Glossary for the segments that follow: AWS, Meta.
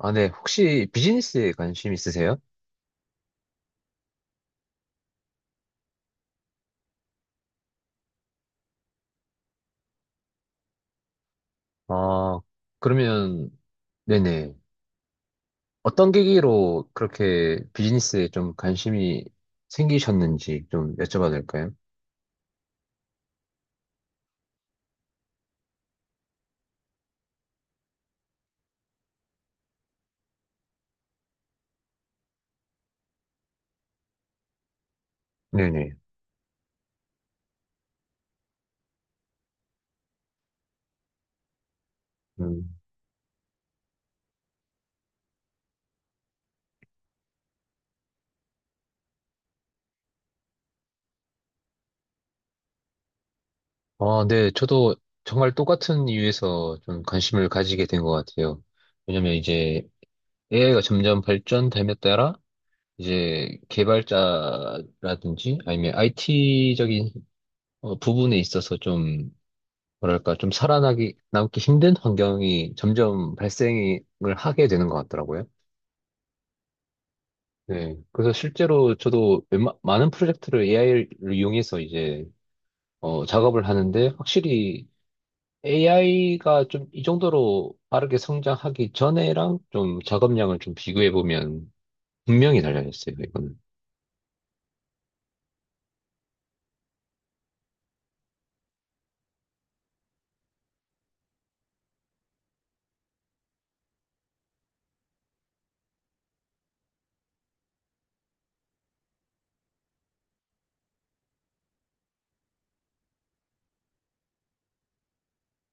아, 네. 혹시 비즈니스에 관심 있으세요? 아, 그러면, 네네. 어떤 계기로 그렇게 비즈니스에 좀 관심이 생기셨는지 좀 여쭤봐도 될까요? 네네. 음. 아, 네. 저도 정말 똑같은 이유에서 좀 관심을 가지게 된 것 같아요. 왜냐면 이제 AI가 점점 발전됨에 따라 이제 개발자라든지 아니면 IT적인 부분에 있어서 좀 뭐랄까, 좀 남기 힘든 환경이 점점 발생을 하게 되는 것 같더라고요. 네. 그래서 실제로 저도 많은 프로젝트를 AI를 이용해서 이제, 작업을 하는데, 확실히 AI가 좀 이 정도로 빠르게 성장하기 전에랑 좀 작업량을 좀 비교해 보면 분명히 달라졌어요, 이거는.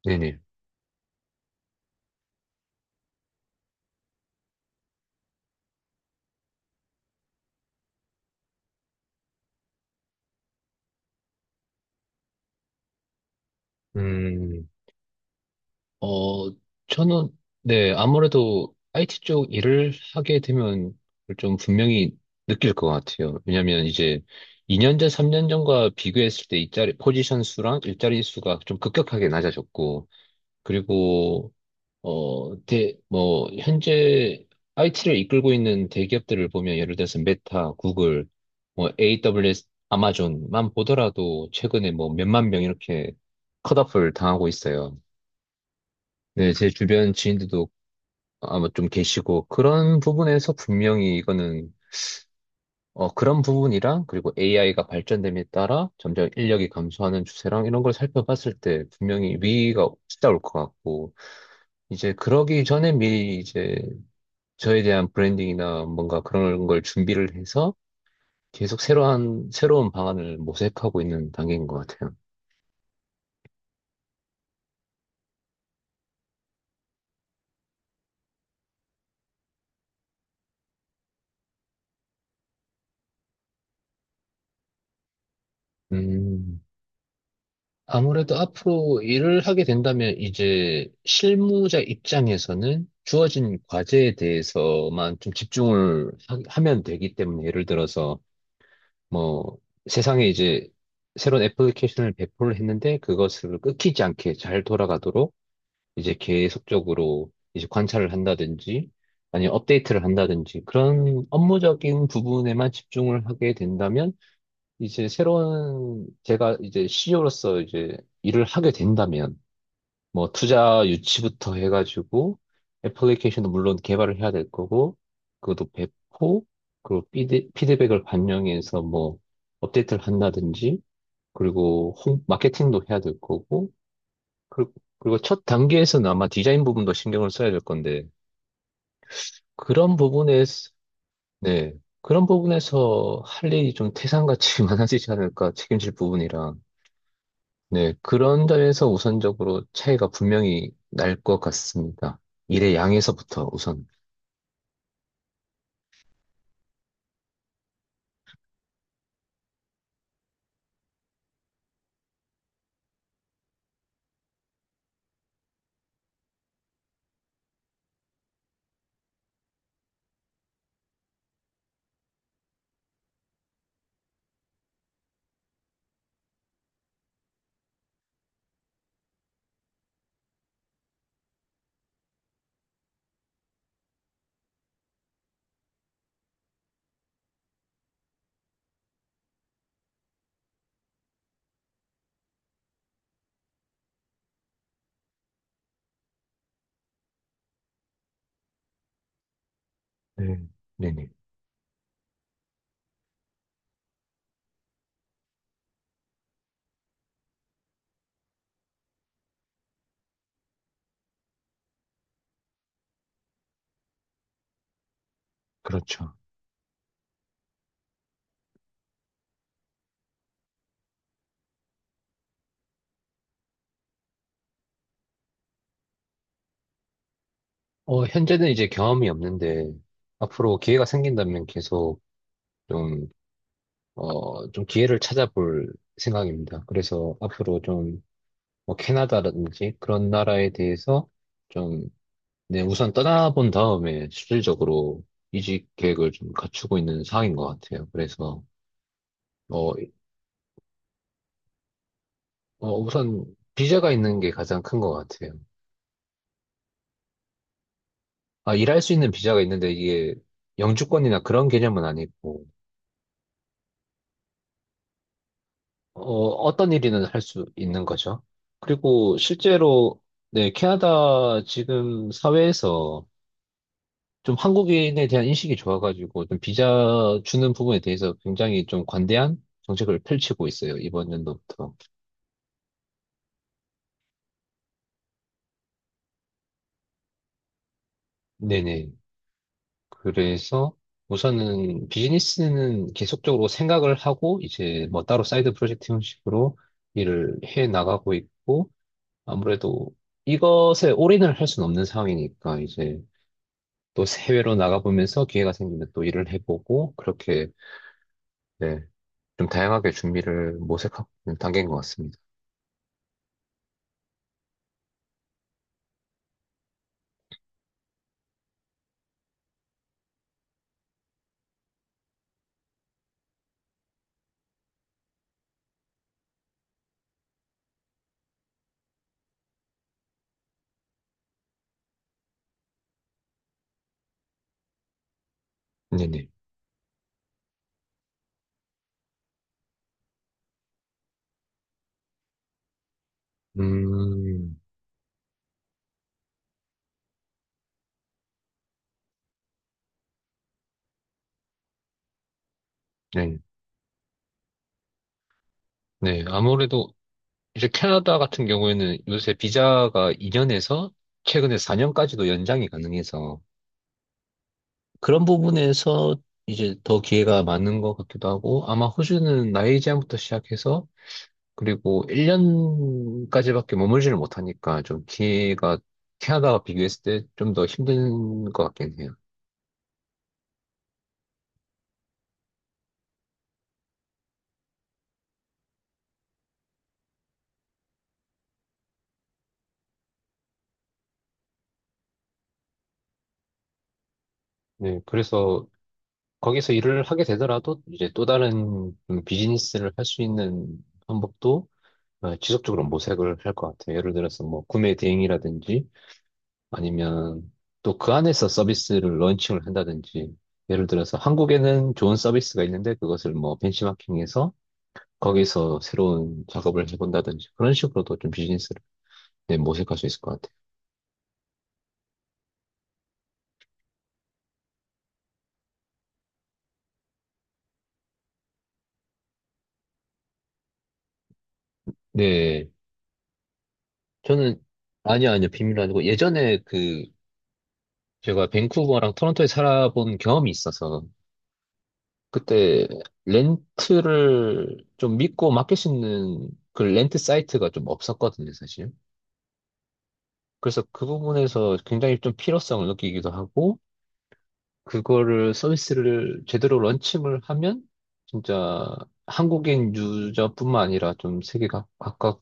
네네. 음, 어, 저는, 네, 아무래도 IT 쪽 일을 하게 되면 그걸 좀 분명히 느낄 것 같아요. 왜냐면 이제 2년 전, 3년 전과 비교했을 때 일자리, 포지션 수랑 일자리 수가 좀 급격하게 낮아졌고, 그리고, 뭐, 현재 IT를 이끌고 있는 대기업들을 보면 예를 들어서 메타, 구글, 뭐, AWS, 아마존만 보더라도 최근에 뭐 몇만 명 이렇게 컷오프를 당하고 있어요. 네, 제 주변 지인들도 아마 좀 계시고, 그런 부분에서 분명히 이거는, 그런 부분이랑, 그리고 AI가 발전됨에 따라 점점 인력이 감소하는 추세랑 이런 걸 살펴봤을 때 분명히 위기가 찾아올 것 같고, 이제 그러기 전에 미리 이제 저에 대한 브랜딩이나 뭔가 그런 걸 준비를 해서 계속 새로운, 새로운 방안을 모색하고 있는 단계인 것 같아요. 음. 아무래도 앞으로 일을 하게 된다면 이제 실무자 입장에서는 주어진 과제에 대해서만 좀 집중을 면 되기 때문에 예를 들어서 뭐 세상에 이제 새로운 애플리케이션을 배포를 했는데 그것을 끊기지 않게 잘 돌아가도록 이제 계속적으로 이제 관찰을 한다든지 아니면 업데이트를 한다든지 그런 업무적인 부분에만 집중을 하게 된다면 이제 새로운 제가 이제 CEO로서 이제 일을 하게 된다면 뭐 투자 유치부터 해가지고 애플리케이션도 물론 개발을 해야 될 거고 그것도 배포 그리고 피드백을 반영해서 뭐 업데이트를 한다든지 그리고 마케팅도 해야 될 거고 그리고, 그리고 첫 단계에서는 아마 디자인 부분도 신경을 써야 될 건데 그런 부분에서, 네, 그런 부분에서 할 일이 좀 태산같이 많아지지 않을까 책임질 부분이라 네, 그런 점에서 우선적으로 차이가 분명히 날 것 같습니다. 일의 양에서부터 우선. 네, 네네. 그렇죠. 현재는 이제 경험이 없는데, 앞으로 기회가 생긴다면 계속 좀, 좀 기회를 찾아볼 생각입니다. 그래서 앞으로 좀, 뭐, 캐나다라든지 그런 나라에 대해서 좀, 네, 우선 떠나본 다음에 실질적으로 이직 계획을 좀 갖추고 있는 상황인 것 같아요. 그래서, 어, 우선 비자가 있는 게 가장 큰 것 같아요. 아, 일할 수 있는 비자가 있는데 이게 영주권이나 그런 개념은 아니고, 어떤 일이든 할 수 있는 거죠. 그리고 실제로, 네, 캐나다 지금 사회에서 좀 한국인에 대한 인식이 좋아가지고 좀 비자 주는 부분에 대해서 굉장히 좀 관대한 정책을 펼치고 있어요, 이번 연도부터. 네네. 그래서 우선은 비즈니스는 계속적으로 생각을 하고 이제 뭐 따로 사이드 프로젝트 형식으로 일을 해 나가고 있고 아무래도 이것에 올인을 할 수는 없는 상황이니까 이제 또 해외로 나가보면서 기회가 생기면 또 일을 해보고 그렇게 네, 좀 다양하게 준비를 모색하고 있는 단계인 것 같습니다. 네네. 음, 네. 네. 아무래도 이제 캐나다 같은 경우에는 요새 비자가 2년에서 최근에 4년까지도 연장이 가능해서 그런 부분에서 이제 더 기회가 많은 것 같기도 하고 아마 호주는 나이 제한부터 시작해서 그리고 1년까지밖에 머물지를 못하니까 좀 기회가 캐나다와 비교했을 때 좀 더 힘든 것 같긴 해요. 네, 그래서 거기서 일을 하게 되더라도 이제 또 다른 좀 비즈니스를 할 수 있는 방법도 아, 지속적으로 모색을 할 것 같아요. 예를 들어서 뭐 구매 대행이라든지 아니면 또 그 안에서 서비스를 런칭을 한다든지 예를 들어서 한국에는 좋은 서비스가 있는데 그것을 뭐 벤치마킹해서 거기서 새로운 작업을 해본다든지 그런 식으로도 좀 비즈니스를 네, 모색할 수 있을 것 같아요. 네, 저는 아니요 아니요 비밀 아니고 예전에 그 제가 밴쿠버랑 토론토에 살아본 경험이 있어서 그때 렌트를 좀 믿고 맡길 수 있는 그 렌트 사이트가 좀 없었거든요, 사실. 그래서 그 부분에서 굉장히 좀 필요성을 느끼기도 하고, 그거를 서비스를 제대로 런칭을 하면, 진짜 한국인 유저뿐만 아니라 좀 세계 각각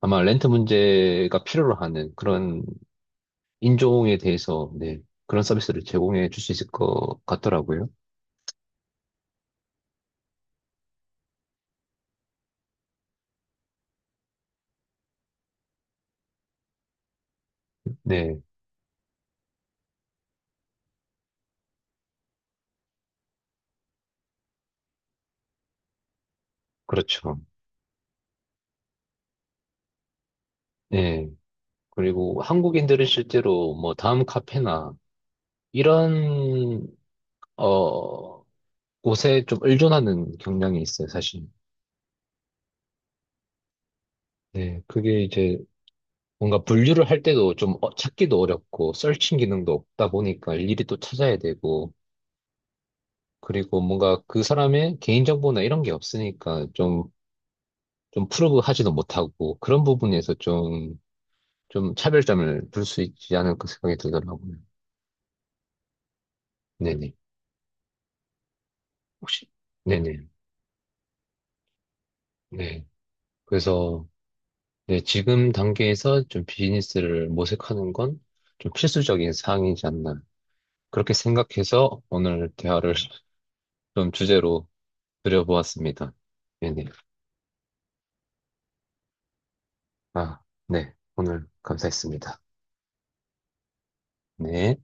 아마 렌트 문제가 필요로 하는 그런 인종에 대해서, 네, 그런 서비스를 제공해 줄 수 있을 것 같더라고요. 네, 그렇죠. 네. 그리고 한국인들은 실제로 뭐 다음 카페나 이런 어 곳에 좀 의존하는 경향이 있어요, 사실. 네, 그게 이제 뭔가 분류를 할 때도 좀 찾기도 어렵고 서칭 기능도 없다 보니까 일일이 또 찾아야 되고 그리고 뭔가 그 사람의 개인정보나 이런 게 없으니까 좀 좀 프로브하지도 못하고 그런 부분에서 좀 좀 차별점을 둘 수 있지 않을까 생각이 들더라고요. 네네. 혹시, 네네. 네. 그래서 네, 지금 단계에서 좀 비즈니스를 모색하는 건 좀 필수적인 사항이지 않나. 그렇게 생각해서 오늘 대화를 좀 주제로 드려보았습니다. 네네. 아, 네. 오늘 감사했습니다. 네.